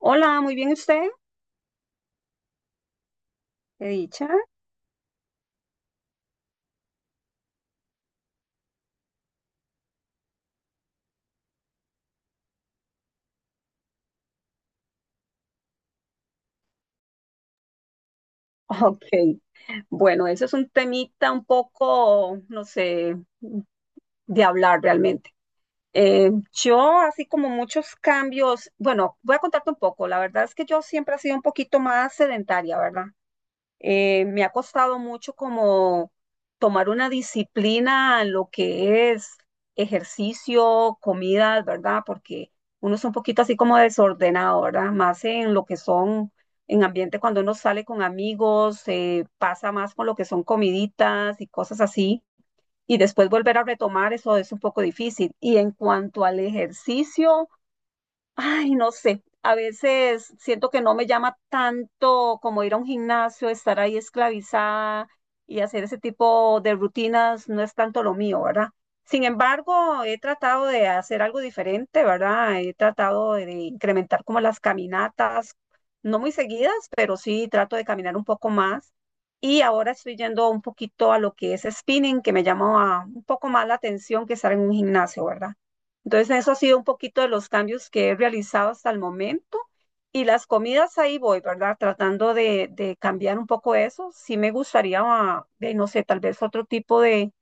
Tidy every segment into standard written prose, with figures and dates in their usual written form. Hola, muy bien usted, qué dicha. Ok, bueno, eso es un temita un poco, no sé, de hablar realmente. Yo, así como muchos cambios, bueno, voy a contarte un poco. La verdad es que yo siempre he sido un poquito más sedentaria, ¿verdad? Me ha costado mucho como tomar una disciplina en lo que es ejercicio, comidas, ¿verdad? Porque uno es un poquito así como desordenado, ¿verdad? Más en lo que son, en ambiente cuando uno sale con amigos, pasa más con lo que son comiditas y cosas así. Y después volver a retomar eso es un poco difícil. Y en cuanto al ejercicio, ay, no sé, a veces siento que no me llama tanto como ir a un gimnasio, estar ahí esclavizada y hacer ese tipo de rutinas no es tanto lo mío, ¿verdad? Sin embargo, he tratado de hacer algo diferente, ¿verdad? He tratado de incrementar como las caminatas, no muy seguidas, pero sí trato de caminar un poco más. Y ahora estoy yendo un poquito a lo que es spinning, que me llama un poco más la atención que estar en un gimnasio, ¿verdad? Entonces, eso ha sido un poquito de los cambios que he realizado hasta el momento. Y las comidas ahí voy, ¿verdad? Tratando de cambiar un poco eso. Sí me gustaría, ah, de, no sé, tal vez otro tipo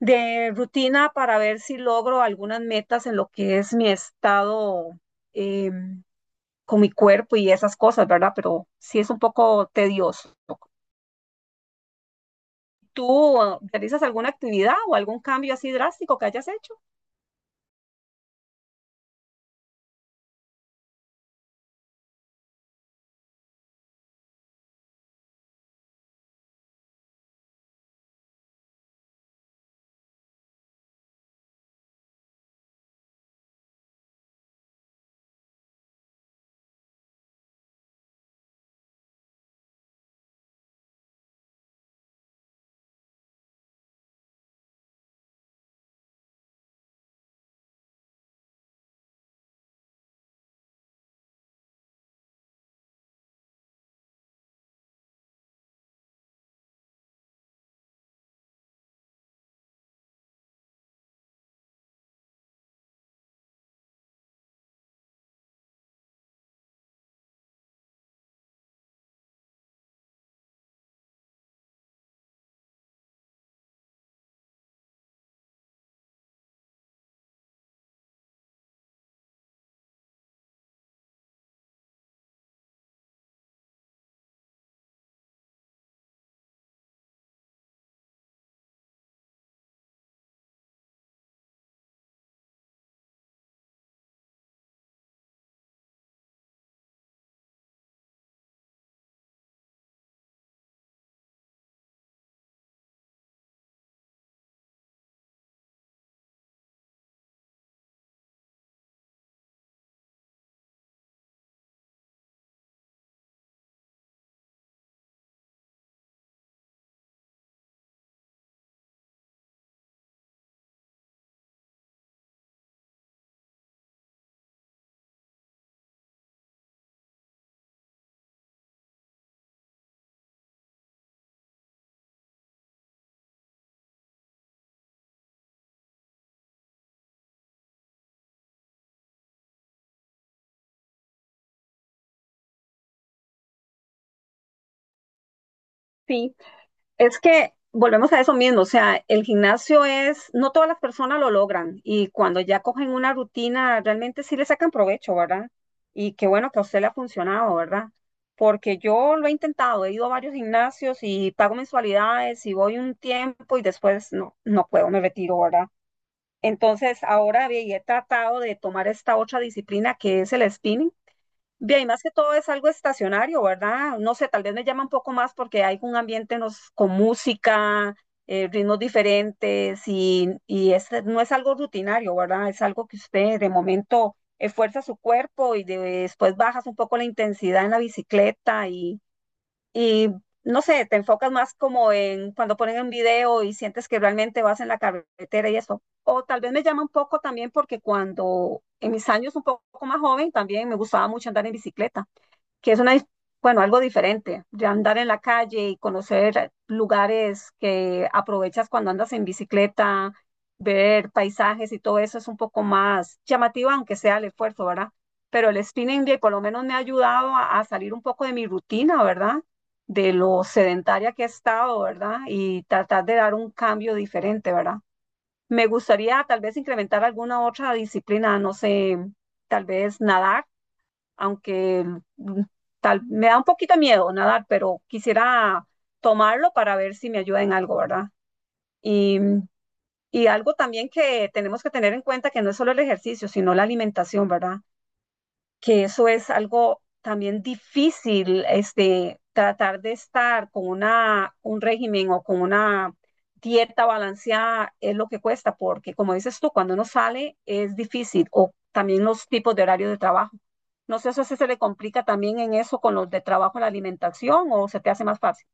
de rutina para ver si logro algunas metas en lo que es mi estado eh, con mi cuerpo y esas cosas, ¿verdad? Pero sí es un poco tedioso. ¿Tú realizas alguna actividad o algún cambio así drástico que hayas hecho? Sí. Es que volvemos a eso mismo, o sea, el gimnasio es, no todas las personas lo logran y cuando ya cogen una rutina, realmente sí le sacan provecho, ¿verdad? Y qué bueno que a usted le ha funcionado, ¿verdad? Porque yo lo he intentado, he ido a varios gimnasios y pago mensualidades y voy un tiempo y después no, no puedo, me retiro, ¿verdad? Entonces ahora ve, y he tratado de tomar esta otra disciplina que es el spinning. Bien, más que todo es algo estacionario, ¿verdad? No sé, tal vez me llama un poco más porque hay un ambiente con música, ritmos diferentes y no es algo rutinario, ¿verdad? Es algo que usted de momento esfuerza su cuerpo y después bajas un poco la intensidad en la bicicleta y no sé, te enfocas más como en cuando ponen un video y sientes que realmente vas en la carretera y eso. O tal vez me llama un poco también porque cuando en mis años un poco más joven también me gustaba mucho andar en bicicleta, que es una, bueno, algo diferente, de andar en la calle y conocer lugares que aprovechas cuando andas en bicicleta, ver paisajes y todo eso es un poco más llamativo, aunque sea el esfuerzo, ¿verdad? Pero el spinning day por lo menos me ha ayudado a salir un poco de mi rutina, ¿verdad? De lo sedentaria que he estado, ¿verdad? Y tratar de dar un cambio diferente, ¿verdad? Me gustaría tal vez incrementar alguna otra disciplina, no sé, tal vez nadar, aunque mm, tal, me da un poquito de miedo nadar, pero quisiera tomarlo para ver si me ayuda en algo, ¿verdad? Y, y algo también que tenemos que tener en cuenta que no es solo el ejercicio, sino la alimentación, ¿verdad? Que eso es algo también difícil, este, tratar de estar con una, un régimen o con una dieta balanceada es lo que cuesta, porque como dices tú, cuando uno sale es difícil, o también los tipos de horario de trabajo. No sé si se le complica también en eso con los de trabajo, la alimentación, o se te hace más fácil.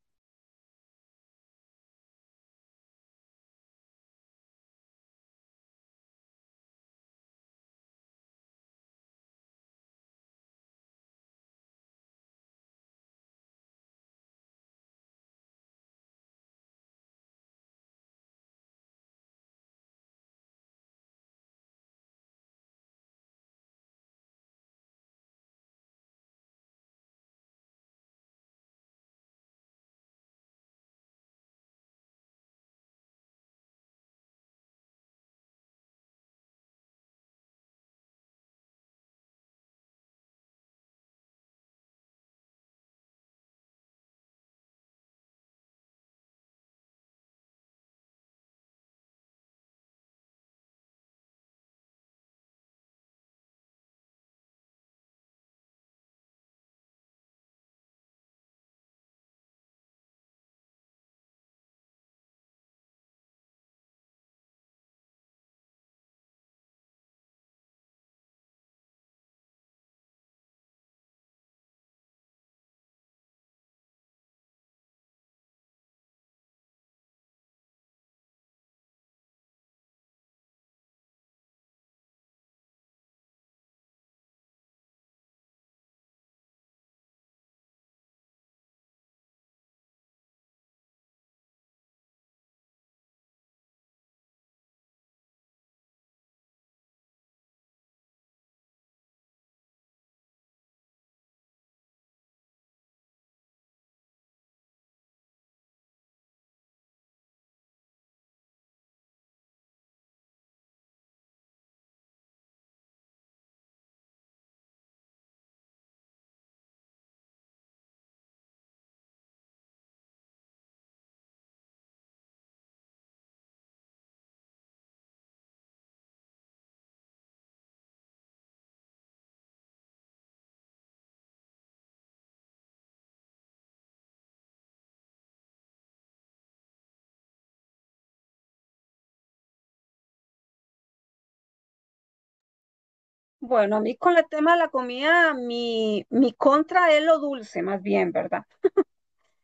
Bueno, a mí con el tema de la comida, mi contra es lo dulce, más bien, ¿verdad?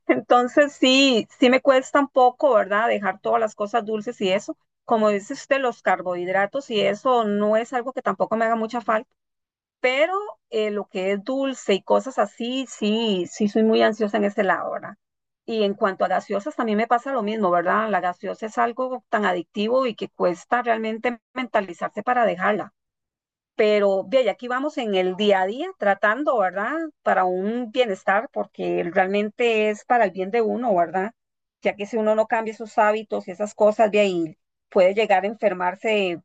Entonces sí, sí me cuesta un poco, ¿verdad? Dejar todas las cosas dulces y eso. Como dice usted, los carbohidratos y eso no es algo que tampoco me haga mucha falta, pero lo que es dulce y cosas así, sí, sí soy muy ansiosa en ese lado, ¿verdad? Y en cuanto a gaseosas, también me pasa lo mismo, ¿verdad? La gaseosa es algo tan adictivo y que cuesta realmente mentalizarse para dejarla, pero de ahí aquí vamos en el día a día tratando, ¿verdad? Para un bienestar, porque realmente es para el bien de uno, ¿verdad? Ya que si uno no cambia sus hábitos y esas cosas, de ahí puede llegar a enfermarse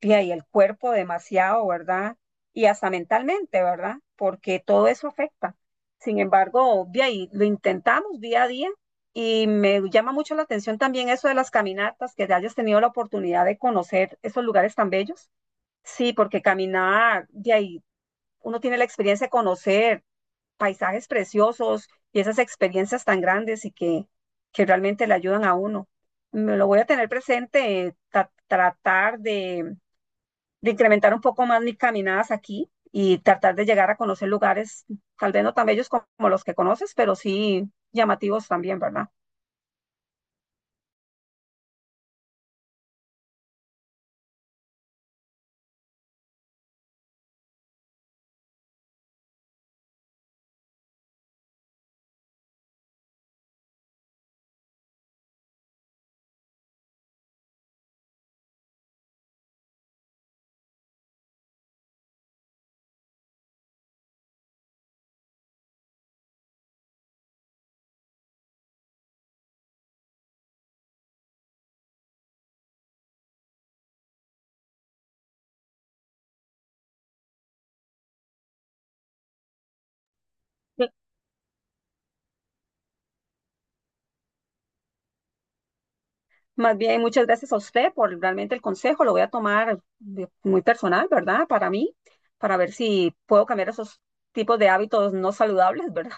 de ahí el cuerpo demasiado, ¿verdad? Y hasta mentalmente, ¿verdad? Porque todo eso afecta. Sin embargo, de ahí lo intentamos día a día y me llama mucho la atención también eso de las caminatas, que hayas tenido la oportunidad de conocer esos lugares tan bellos. Sí, porque caminar, de ahí uno tiene la experiencia de conocer paisajes preciosos y esas experiencias tan grandes y que realmente le ayudan a uno. Me lo voy a tener presente, tratar de incrementar un poco más mis caminadas aquí y tratar de llegar a conocer lugares, tal vez no tan bellos como los que conoces, pero sí llamativos también, ¿verdad? Más bien, muchas gracias a usted por realmente el consejo. Lo voy a tomar muy personal, ¿verdad? Para mí, para ver si puedo cambiar esos tipos de hábitos no saludables, ¿verdad?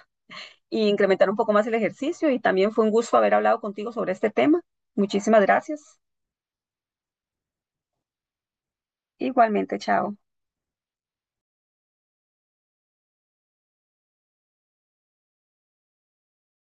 Y incrementar un poco más el ejercicio. Y también fue un gusto haber hablado contigo sobre este tema. Muchísimas gracias. Igualmente, chao.